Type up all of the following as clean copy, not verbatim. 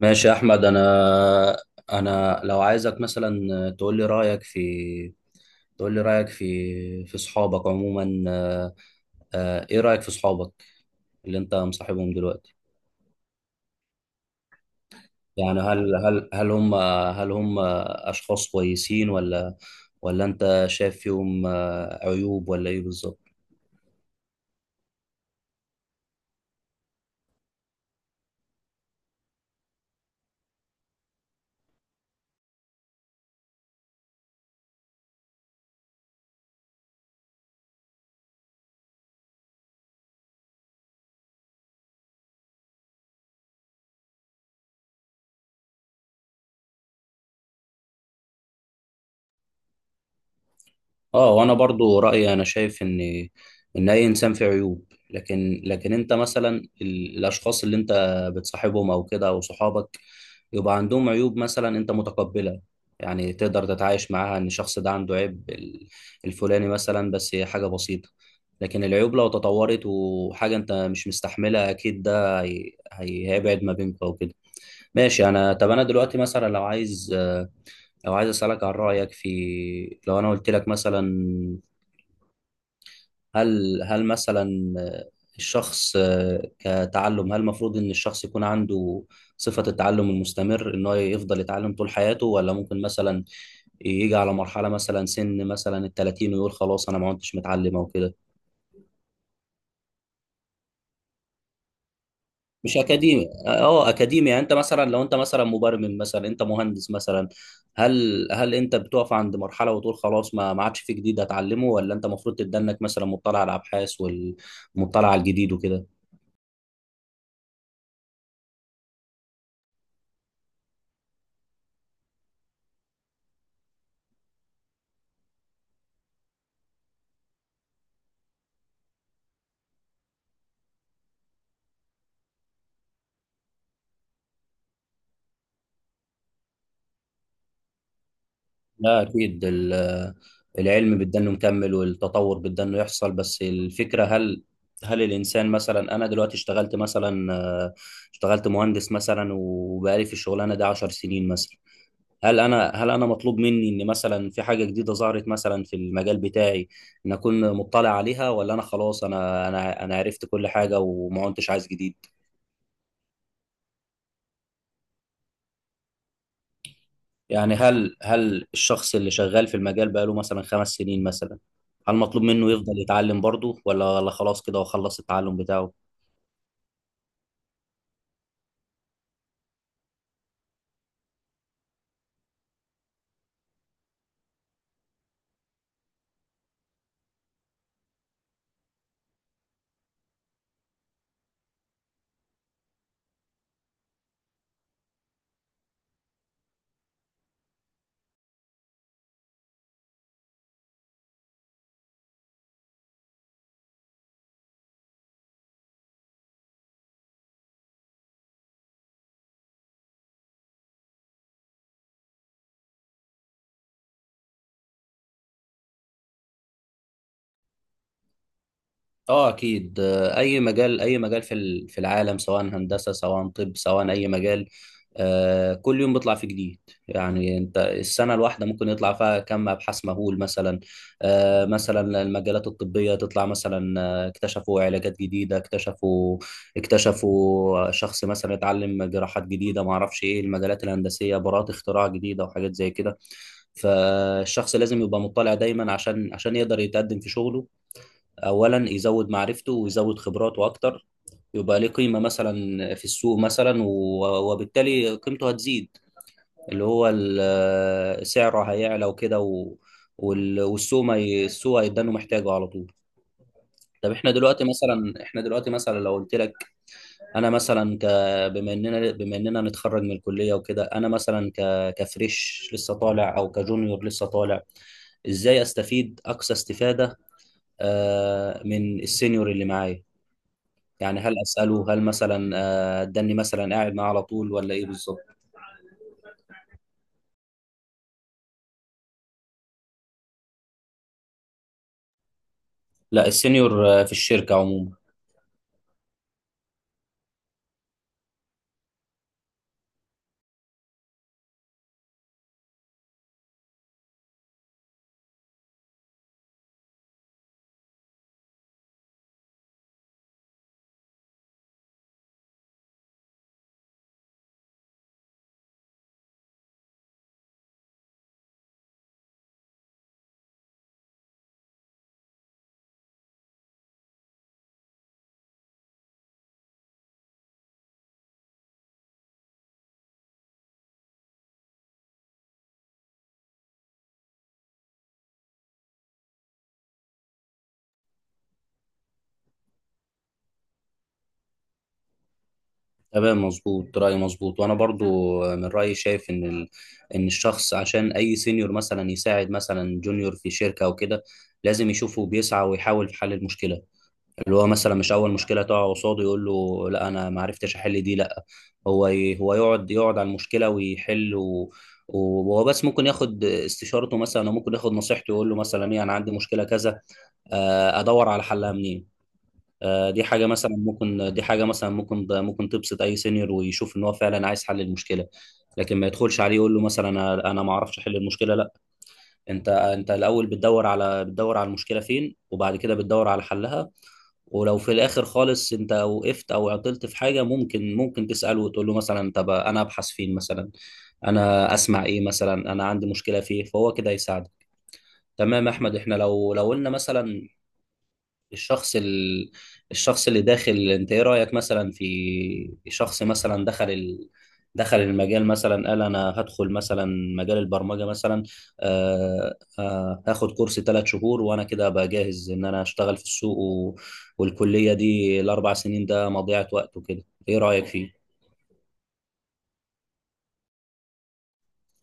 ماشي يا احمد، انا لو عايزك مثلا، تقول لي رايك في تقول لي رايك في صحابك عموما، ايه رايك في صحابك اللي انت مصاحبهم دلوقتي؟ يعني هل هم اشخاص كويسين ولا انت شايف فيهم عيوب، ولا ايه بالظبط؟ اه، وانا برضو رايي. انا شايف ان اي انسان فيه عيوب. لكن انت مثلا الاشخاص اللي انت بتصاحبهم او كده، او صحابك، يبقى عندهم عيوب. مثلا انت متقبلها، يعني تقدر تتعايش معاها ان الشخص ده عنده عيب الفلاني مثلا، بس هي حاجة بسيطة. لكن العيوب لو تطورت وحاجة انت مش مستحملها، اكيد ده هيبعد ما بينكم او كده. ماشي. انا، طب انا دلوقتي مثلا لو عايز، اسالك عن رايك، في لو انا قلت لك مثلا، هل هل مثلا الشخص كتعلم، هل المفروض ان الشخص يكون عنده صفة التعلم المستمر، ان هو يفضل يتعلم طول حياته، ولا ممكن مثلا يجي على مرحلة، مثلا سن مثلا ال 30، ويقول خلاص انا ما كنتش متعلم او كده؟ مش اكاديمي، اه اكاديمي. يعني انت مثلا، لو انت مثلا مبرمج مثلا، انت مهندس مثلا، هل انت بتقف عند مرحلة وتقول خلاص ما عادش في جديد اتعلمه، ولا انت المفروض تتدنك مثلا، مطلع على الابحاث والمطلع على الجديد وكده؟ لا أكيد. العلم بدنا إنه مكمل، والتطور بدنا إنه يحصل. بس الفكرة هل الإنسان مثلا، أنا دلوقتي اشتغلت مثلا، اشتغلت مهندس مثلا، وبقالي في الشغلانة دي 10 سنين مثلا. هل أنا مطلوب مني إن مثلا في حاجة جديدة ظهرت مثلا في المجال بتاعي، إن أكون مطلع عليها، ولا أنا خلاص أنا عرفت كل حاجة وما كنتش عايز جديد؟ يعني هل الشخص اللي شغال في المجال بقاله مثلا 5 سنين مثلا، هل مطلوب منه يفضل يتعلم برضه، ولا خلاص كده هو خلص التعلم بتاعه؟ اه اكيد. اي مجال، في في العالم، سواء هندسه سواء طب سواء اي مجال. كل يوم بيطلع في جديد. يعني انت السنه الواحده ممكن يطلع فيها كم ابحاث مهول مثلا. مثلا المجالات الطبيه تطلع مثلا، اكتشفوا علاجات جديده، اكتشفوا شخص مثلا اتعلم جراحات جديده، ما اعرفش ايه. المجالات الهندسيه براءه اختراع جديده وحاجات زي كده. فالشخص لازم يبقى مطلع دايما، عشان يقدر يتقدم في شغله. اولا يزود معرفته ويزود خبراته اكتر، يبقى ليه قيمة مثلا في السوق مثلا، وبالتالي قيمته هتزيد، اللي هو سعره هيعلى وكده، والسوق ما ي- السوق هيدانه محتاجه على طول. طب احنا دلوقتي مثلا، لو قلت لك، انا مثلا بما اننا، نتخرج من الكليه وكده، انا مثلا كفريش لسه طالع، او كجونيور لسه طالع، ازاي استفيد اقصى استفاده من السينيور اللي معايا؟ يعني هل اساله؟ هل مثلا اداني مثلا قاعد معاه على طول ولا ايه بالظبط؟ لا، السينيور في الشركه عموما. تمام، مظبوط، رايي مظبوط. وانا برضو من رايي شايف ان ان الشخص عشان اي سينيور مثلا يساعد مثلا جونيور في شركه او كده، لازم يشوفه بيسعى ويحاول في حل المشكله. اللي هو مثلا مش اول مشكله تقع قصاده يقول له لا انا ما عرفتش احل دي، لا. هو، هو يقعد على المشكله ويحل. و... وهو بس ممكن ياخد استشارته مثلا، او ممكن ياخد نصيحته. يقول له مثلا ايه: انا عندي مشكله كذا، ادور على حلها منين؟ دي حاجه مثلا ممكن، دي حاجه مثلا ممكن تبسط اي سينيور، ويشوف ان هو فعلا عايز حل المشكله. لكن ما يدخلش عليه يقول له مثلا: انا أنا ما اعرفش احل المشكله، لا. انت الاول بتدور على المشكله فين، وبعد كده بتدور على حلها. ولو في الاخر خالص انت وقفت او عطلت في حاجه، ممكن تساله وتقول له مثلا: طب انا ابحث فين مثلا؟ انا اسمع ايه مثلا؟ انا عندي مشكله فيه. فهو كده يساعدك. تمام يا احمد. احنا لو قلنا مثلا الشخص، اللي داخل، انت ايه رأيك مثلا في شخص مثلا دخل، دخل المجال مثلا؟ قال: انا هدخل مثلا مجال البرمجة مثلا، هاخد كورس 3 شهور، وانا كده ابقى جاهز ان انا اشتغل في السوق، والكلية دي الاربع سنين ده مضيعة وقت وكده. ايه رأيك فيه؟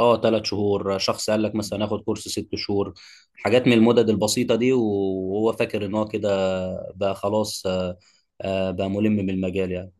اه، 3 شهور. شخص قال لك مثلا هاخد كورس 6 شهور، حاجات من المدد البسيطة دي، وهو فاكر ان هو كده بقى خلاص، بقى ملم بالمجال يعني.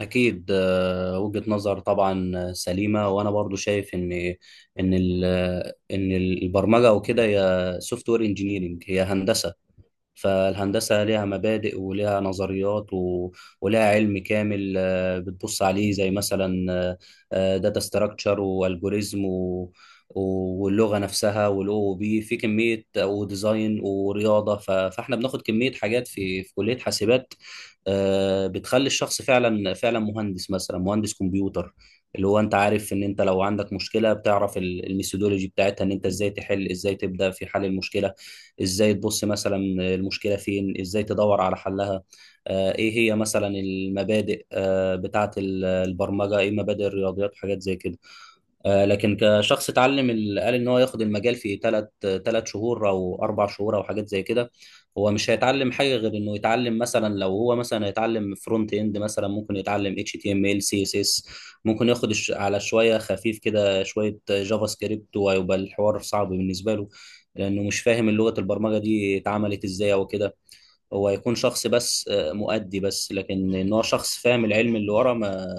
أكيد وجهة نظر طبعا سليمة. وأنا برضو شايف إن ال- إن البرمجة وكده، هي سوفت وير إنجينيرنج، هي هندسة. فالهندسة ليها مبادئ وليها نظريات وليها علم كامل بتبص عليه زي مثلا داتا ستراكشر والجوريزم واللغة نفسها، والاو او بي في كمية، وديزاين، ورياضة. فاحنا بناخد كمية حاجات في كلية حاسبات بتخلي الشخص فعلا فعلا مهندس كمبيوتر. اللي هو انت عارف ان انت لو عندك مشكلة بتعرف الميثودولوجي بتاعتها، ان انت ازاي تبدأ في حل المشكلة، ازاي تبص مثلا المشكله فين، ازاي تدور على حلها. ايه هي مثلا المبادئ بتاعه البرمجه، ايه مبادئ الرياضيات وحاجات زي كده. لكن كشخص اتعلم، قال ان هو ياخد المجال في ثلاث شهور او 4 شهور او حاجات زي كده، هو مش هيتعلم حاجه غير انه يتعلم. مثلا لو هو مثلا هيتعلم فرونت اند مثلا، ممكن يتعلم اتش تي ام ال سي اس اس، ممكن ياخد على شويه خفيف كده شويه جافا سكريبت، وهيبقى الحوار صعب بالنسبه له، لانه مش فاهم لغه البرمجه دي اتعملت ازاي او كده. هو هيكون شخص بس مؤدي بس. لكن ان هو شخص فاهم العلم اللي ورا، ما...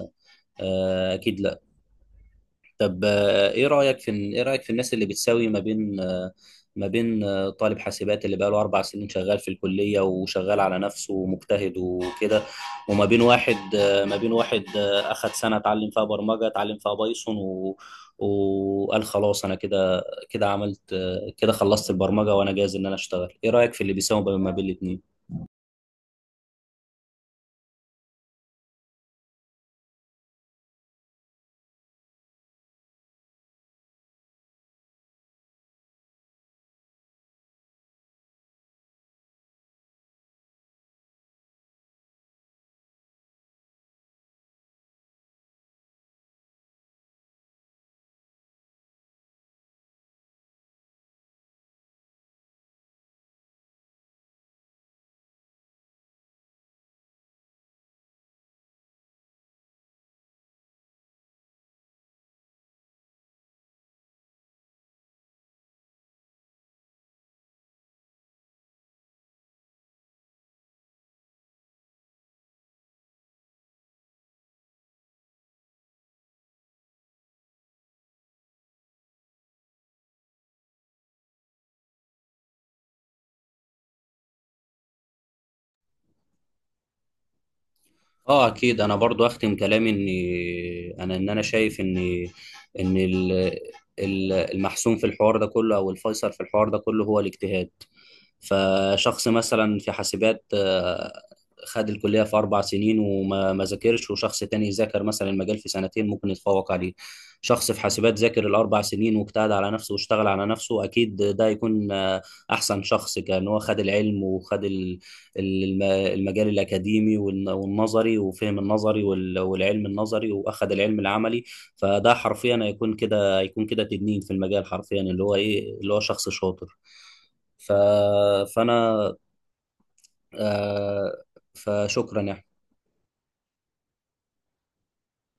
اكيد لا. طب ايه رايك في، الناس اللي بتساوي ما بين طالب حاسبات اللي بقاله 4 سنين شغال في الكليه وشغال على نفسه ومجتهد وكده، وما بين واحد، آه، ما بين واحد آه، اخد سنه اتعلم فيها برمجه، اتعلم فيها بايثون، وقال خلاص انا كده، عملت كده خلصت البرمجه وانا جاهز ان انا اشتغل. ايه رايك في اللي بيساوي ما بين الاثنين؟ اه اكيد. انا برضو اختم كلامي اني انا شايف ان ان ال- المحسوم في الحوار ده كله، او الفيصل في الحوار ده كله، هو الاجتهاد. فشخص مثلا في حاسبات خد الكلية في 4 سنين وما ما ذاكرش، وشخص تاني ذاكر مثلا المجال في سنتين، ممكن يتفوق عليه. شخص في حاسبات ذاكر الأربع سنين واجتهد على نفسه واشتغل على نفسه، أكيد ده يكون أحسن شخص، كأن هو خد العلم، وخد ال- الم- المجال الأكاديمي، والنظري، وفهم النظري، والعلم النظري، وأخد العلم العملي. فده حرفيا هيكون كده، تدنين في المجال حرفيا، اللي هو إيه، اللي هو شخص شاطر. ف... فانا، آه، فشكرا يا أحمد.